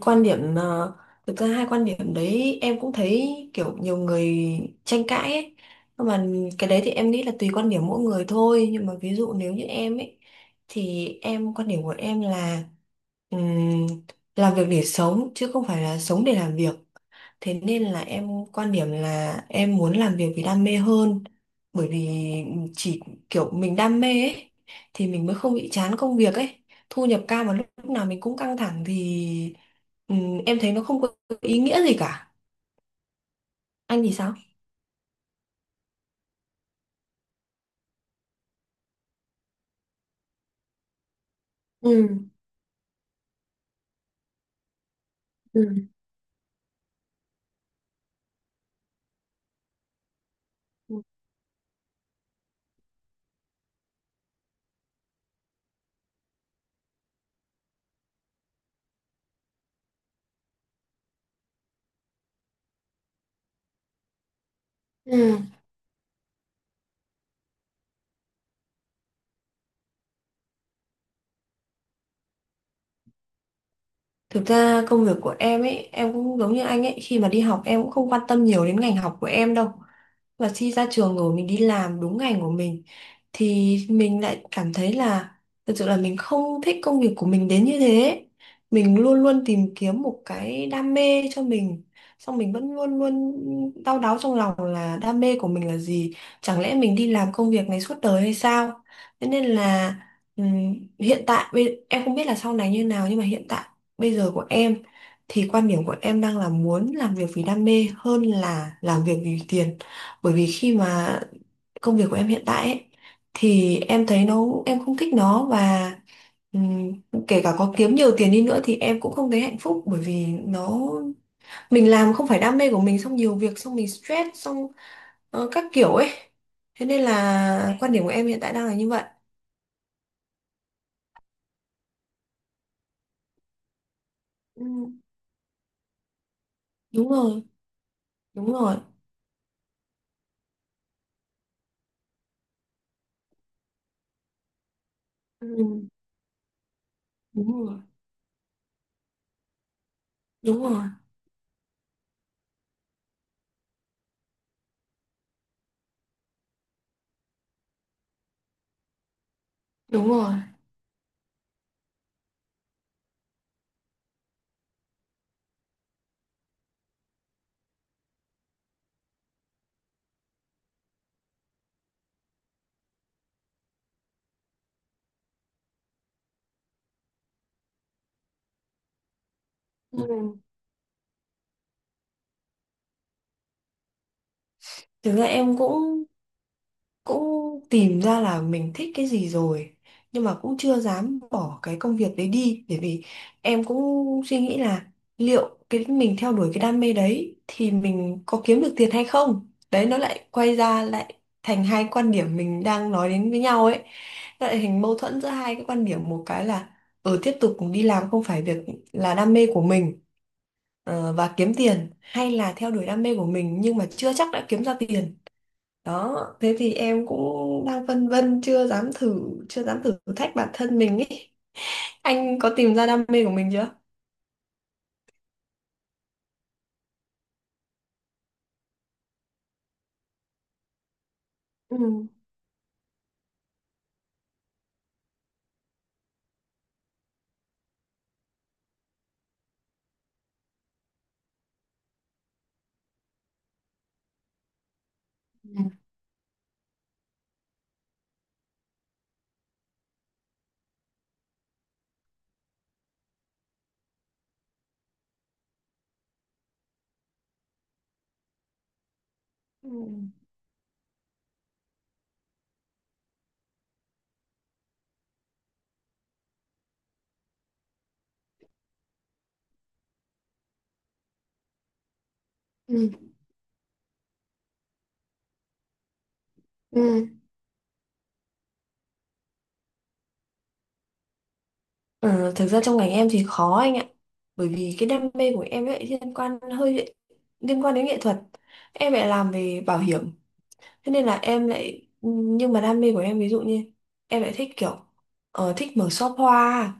Quan điểm thực ra hai quan điểm đấy em cũng thấy kiểu nhiều người tranh cãi ấy, nhưng mà cái đấy thì em nghĩ là tùy quan điểm mỗi người thôi. Nhưng mà ví dụ nếu như em ấy, thì em, quan điểm của em là ừm, làm việc để sống chứ không phải là sống để làm việc. Thế nên là em quan điểm là em muốn làm việc vì đam mê hơn, bởi vì chỉ kiểu mình đam mê ấy thì mình mới không bị chán công việc ấy. Thu nhập cao mà lúc nào mình cũng căng thẳng thì, ừ, em thấy nó không có ý nghĩa gì cả. Anh thì sao? Ừ. ừ ừ. Thực ra công việc của em ấy, em cũng giống như anh ấy, khi mà đi học em cũng không quan tâm nhiều đến ngành học của em đâu. Và khi ra trường rồi mình đi làm đúng ngành của mình thì mình lại cảm thấy là thực sự là mình không thích công việc của mình đến như thế. Mình luôn luôn tìm kiếm một cái đam mê cho mình, xong mình vẫn luôn luôn đau đáu trong lòng là đam mê của mình là gì, chẳng lẽ mình đi làm công việc này suốt đời hay sao? Thế nên là, ừm, hiện tại em không biết là sau này như nào nhưng mà hiện tại bây giờ của em thì quan điểm của em đang là muốn làm việc vì đam mê hơn là làm việc vì tiền. Bởi vì khi mà công việc của em hiện tại ấy, thì em thấy nó, em không thích nó và ừm, kể cả có kiếm nhiều tiền đi nữa thì em cũng không thấy hạnh phúc, bởi vì nó mình làm không phải đam mê của mình, xong nhiều việc xong mình stress xong các kiểu ấy. Thế nên là quan điểm của em hiện tại đang là như vậy. Ừ, đúng rồi, đúng rồi. Ừ, đúng rồi, đúng rồi, đúng rồi. Ừ. Thực ra em cũng cũng tìm ra là mình thích cái gì rồi, nhưng mà cũng chưa dám bỏ cái công việc đấy đi. Bởi vì em cũng suy nghĩ là liệu cái mình theo đuổi cái đam mê đấy thì mình có kiếm được tiền hay không, đấy nó lại quay ra lại thành hai quan điểm mình đang nói đến với nhau ấy. Nó lại thành mâu thuẫn giữa hai cái quan điểm, một cái là ở tiếp tục đi làm không phải việc là đam mê của mình và kiếm tiền, hay là theo đuổi đam mê của mình nhưng mà chưa chắc đã kiếm ra tiền. Đó, thế thì em cũng đang phân vân chưa dám thử, chưa dám thử thách bản thân mình ấy. Anh có tìm ra đam mê của mình chưa? Ừ. Ừ. Ừ. Ừ. Ờ, thực ra trong ngành em thì khó anh ạ, bởi vì cái đam mê của em ấy liên quan hơi liên quan đến nghệ thuật. Em lại làm về bảo hiểm, thế nên là em lại, nhưng mà đam mê của em ví dụ như em lại thích kiểu thích mở shop hoa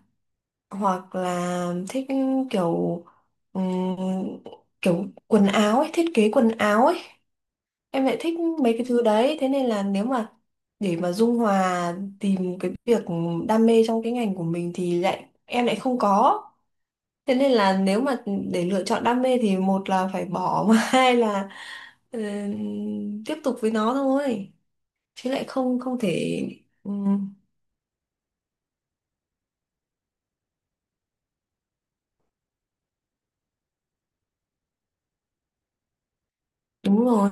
hoặc là thích kiểu ừm, kiểu quần áo ấy, thiết kế quần áo ấy, em lại thích mấy cái thứ đấy. Thế nên là nếu mà để mà dung hòa tìm cái việc đam mê trong cái ngành của mình thì lại em lại không có. Thế nên là nếu mà để lựa chọn đam mê thì một là phải bỏ mà hai là tiếp tục với nó thôi, chứ lại không không thể ừm, đúng rồi.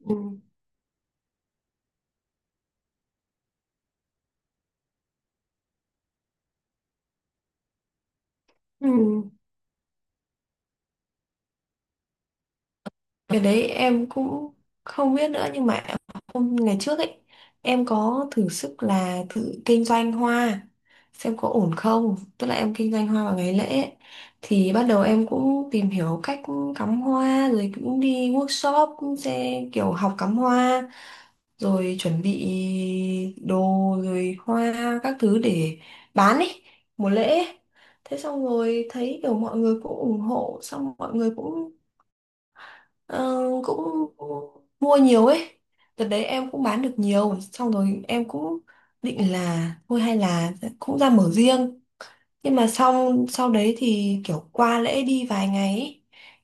Ừm. Ừm. Cái đấy em cũng không biết nữa, nhưng mà hôm ngày trước ấy em có thử sức là thử kinh doanh hoa xem có ổn không, tức là em kinh doanh hoa vào ngày lễ ấy. Thì bắt đầu em cũng tìm hiểu cách cắm hoa, rồi cũng đi workshop, cũng sẽ kiểu học cắm hoa, rồi chuẩn bị đồ, rồi hoa các thứ để bán ấy, mùa lễ ấy. Thế xong rồi thấy kiểu mọi người cũng ủng hộ, xong mọi người cũng, ờ, cũng mua nhiều ấy. Đợt đấy em cũng bán được nhiều, xong rồi em cũng định là thôi hay là cũng ra mở riêng. Nhưng mà sau sau đấy thì kiểu qua lễ đi vài ngày ấy,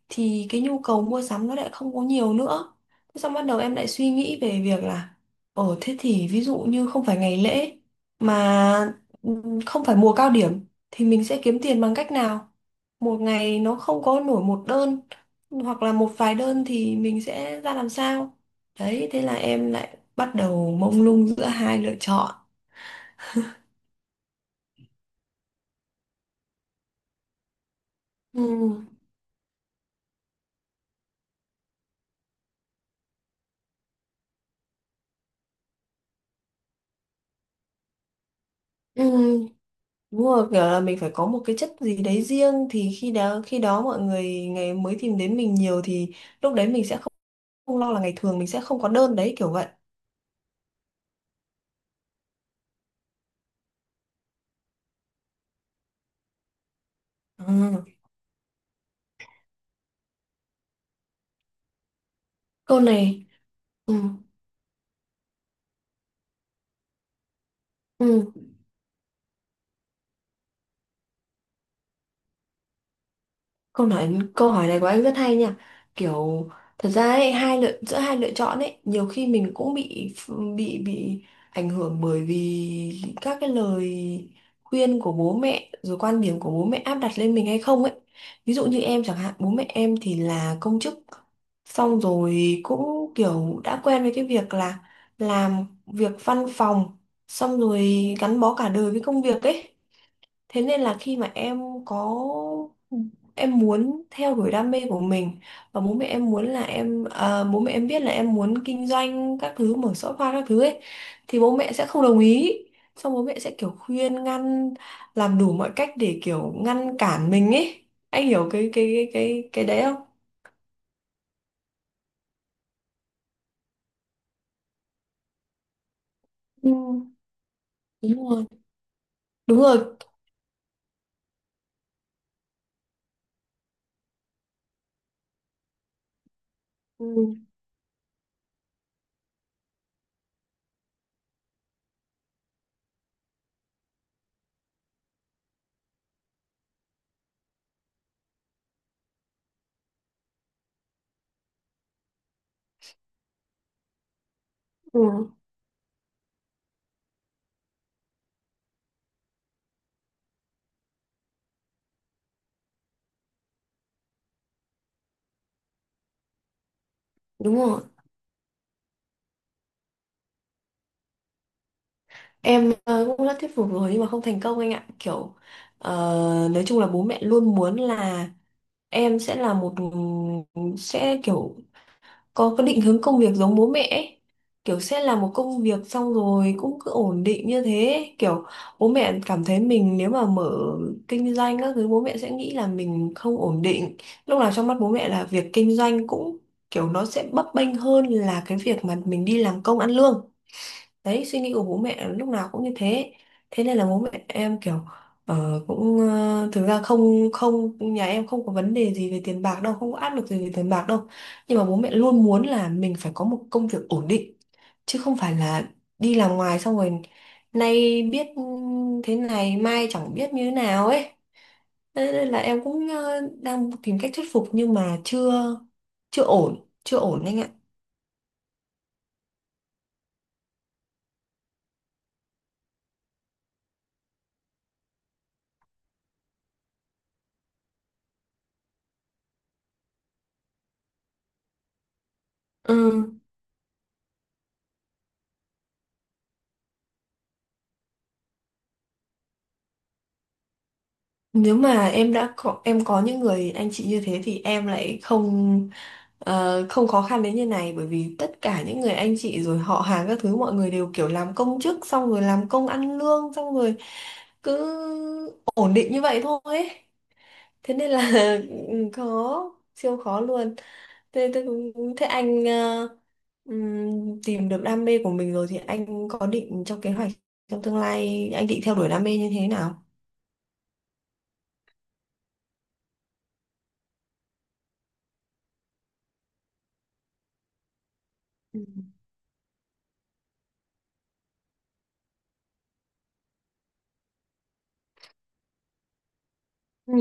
thì cái nhu cầu mua sắm nó lại không có nhiều nữa. Thế xong bắt đầu em lại suy nghĩ về việc là ở thế thì ví dụ như không phải ngày lễ mà không phải mùa cao điểm thì mình sẽ kiếm tiền bằng cách nào? Một ngày nó không có nổi một đơn hoặc là một vài đơn thì mình sẽ ra làm sao? Đấy, thế là em lại bắt đầu mông lung giữa hai lựa chọn. Ừ. Ừ. Đúng rồi, kiểu là mình phải có một cái chất gì đấy riêng thì khi đó mọi người ngày mới tìm đến mình nhiều, thì lúc đấy mình sẽ không, không lo là ngày thường mình sẽ không có đơn đấy, kiểu vậy. Ừ. Câu này, ừ. Ừ. Câu nói Câu hỏi này của anh rất hay nha. Kiểu thật ra ấy, hai lựa giữa hai lựa chọn ấy, nhiều khi mình cũng bị bị ảnh hưởng bởi vì các cái lời khuyên của bố mẹ, rồi quan điểm của bố mẹ áp đặt lên mình hay không ấy. Ví dụ như em chẳng hạn, bố mẹ em thì là công chức. Xong rồi cũng kiểu đã quen với cái việc là làm việc văn phòng, xong rồi gắn bó cả đời với công việc ấy. Thế nên là khi mà em có em muốn theo đuổi đam mê của mình, và bố mẹ em muốn là em, à, bố mẹ em biết là em muốn kinh doanh các thứ, mở shop hoa các thứ ấy thì bố mẹ sẽ không đồng ý, xong bố mẹ sẽ kiểu khuyên ngăn, làm đủ mọi cách để kiểu ngăn cản mình ấy. Anh hiểu cái đấy không? Ừ, đúng rồi, đúng rồi. Ừ, ừ, đúng rồi. Em cũng đã thuyết phục rồi nhưng mà không thành công anh ạ. Kiểu ờ, nói chung là bố mẹ luôn muốn là em sẽ là một, sẽ kiểu có cái định hướng công việc giống bố mẹ ấy. Kiểu sẽ làm một công việc xong rồi cũng cứ ổn định như thế, kiểu bố mẹ cảm thấy mình nếu mà mở kinh doanh các thứ bố mẹ sẽ nghĩ là mình không ổn định. Lúc nào trong mắt bố mẹ là việc kinh doanh cũng kiểu nó sẽ bấp bênh hơn là cái việc mà mình đi làm công ăn lương. Đấy suy nghĩ của bố mẹ lúc nào cũng như thế. Thế nên là bố mẹ em kiểu thực ra không không, nhà em không có vấn đề gì về tiền bạc đâu, không có áp lực gì về tiền bạc đâu. Nhưng mà bố mẹ luôn muốn là mình phải có một công việc ổn định, chứ không phải là đi làm ngoài xong rồi nay biết thế này mai chẳng biết như thế nào ấy. Thế nên là em cũng đang tìm cách thuyết phục nhưng mà chưa, chưa ổn anh ạ. Ừ. Nếu mà em đã có, em có những người anh chị như thế thì em lại không không khó khăn đến như này, bởi vì tất cả những người anh chị rồi họ hàng các thứ mọi người đều kiểu làm công chức, xong rồi làm công ăn lương, xong rồi cứ ổn định như vậy thôi ấy. Thế nên là khó, siêu khó luôn. Thế, thế, thế anh tìm được đam mê của mình rồi thì anh có định trong kế hoạch trong tương lai anh định theo đuổi đam mê như thế nào? Ừ.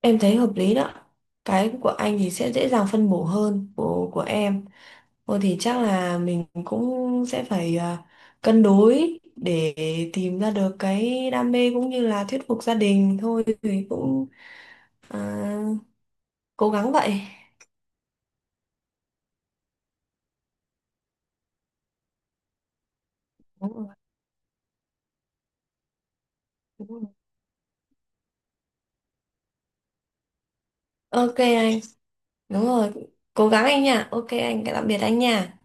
Em thấy hợp lý đó. Cái của anh thì sẽ dễ dàng phân bổ hơn của em. Thôi thì chắc là mình cũng sẽ phải à, cân đối để tìm ra được cái đam mê cũng như là thuyết phục gia đình thôi, thì cũng à, cố gắng vậy. Đúng rồi, đúng rồi. Ok anh, đúng rồi. Cố gắng anh nha. Ok anh, tạm biệt anh nha.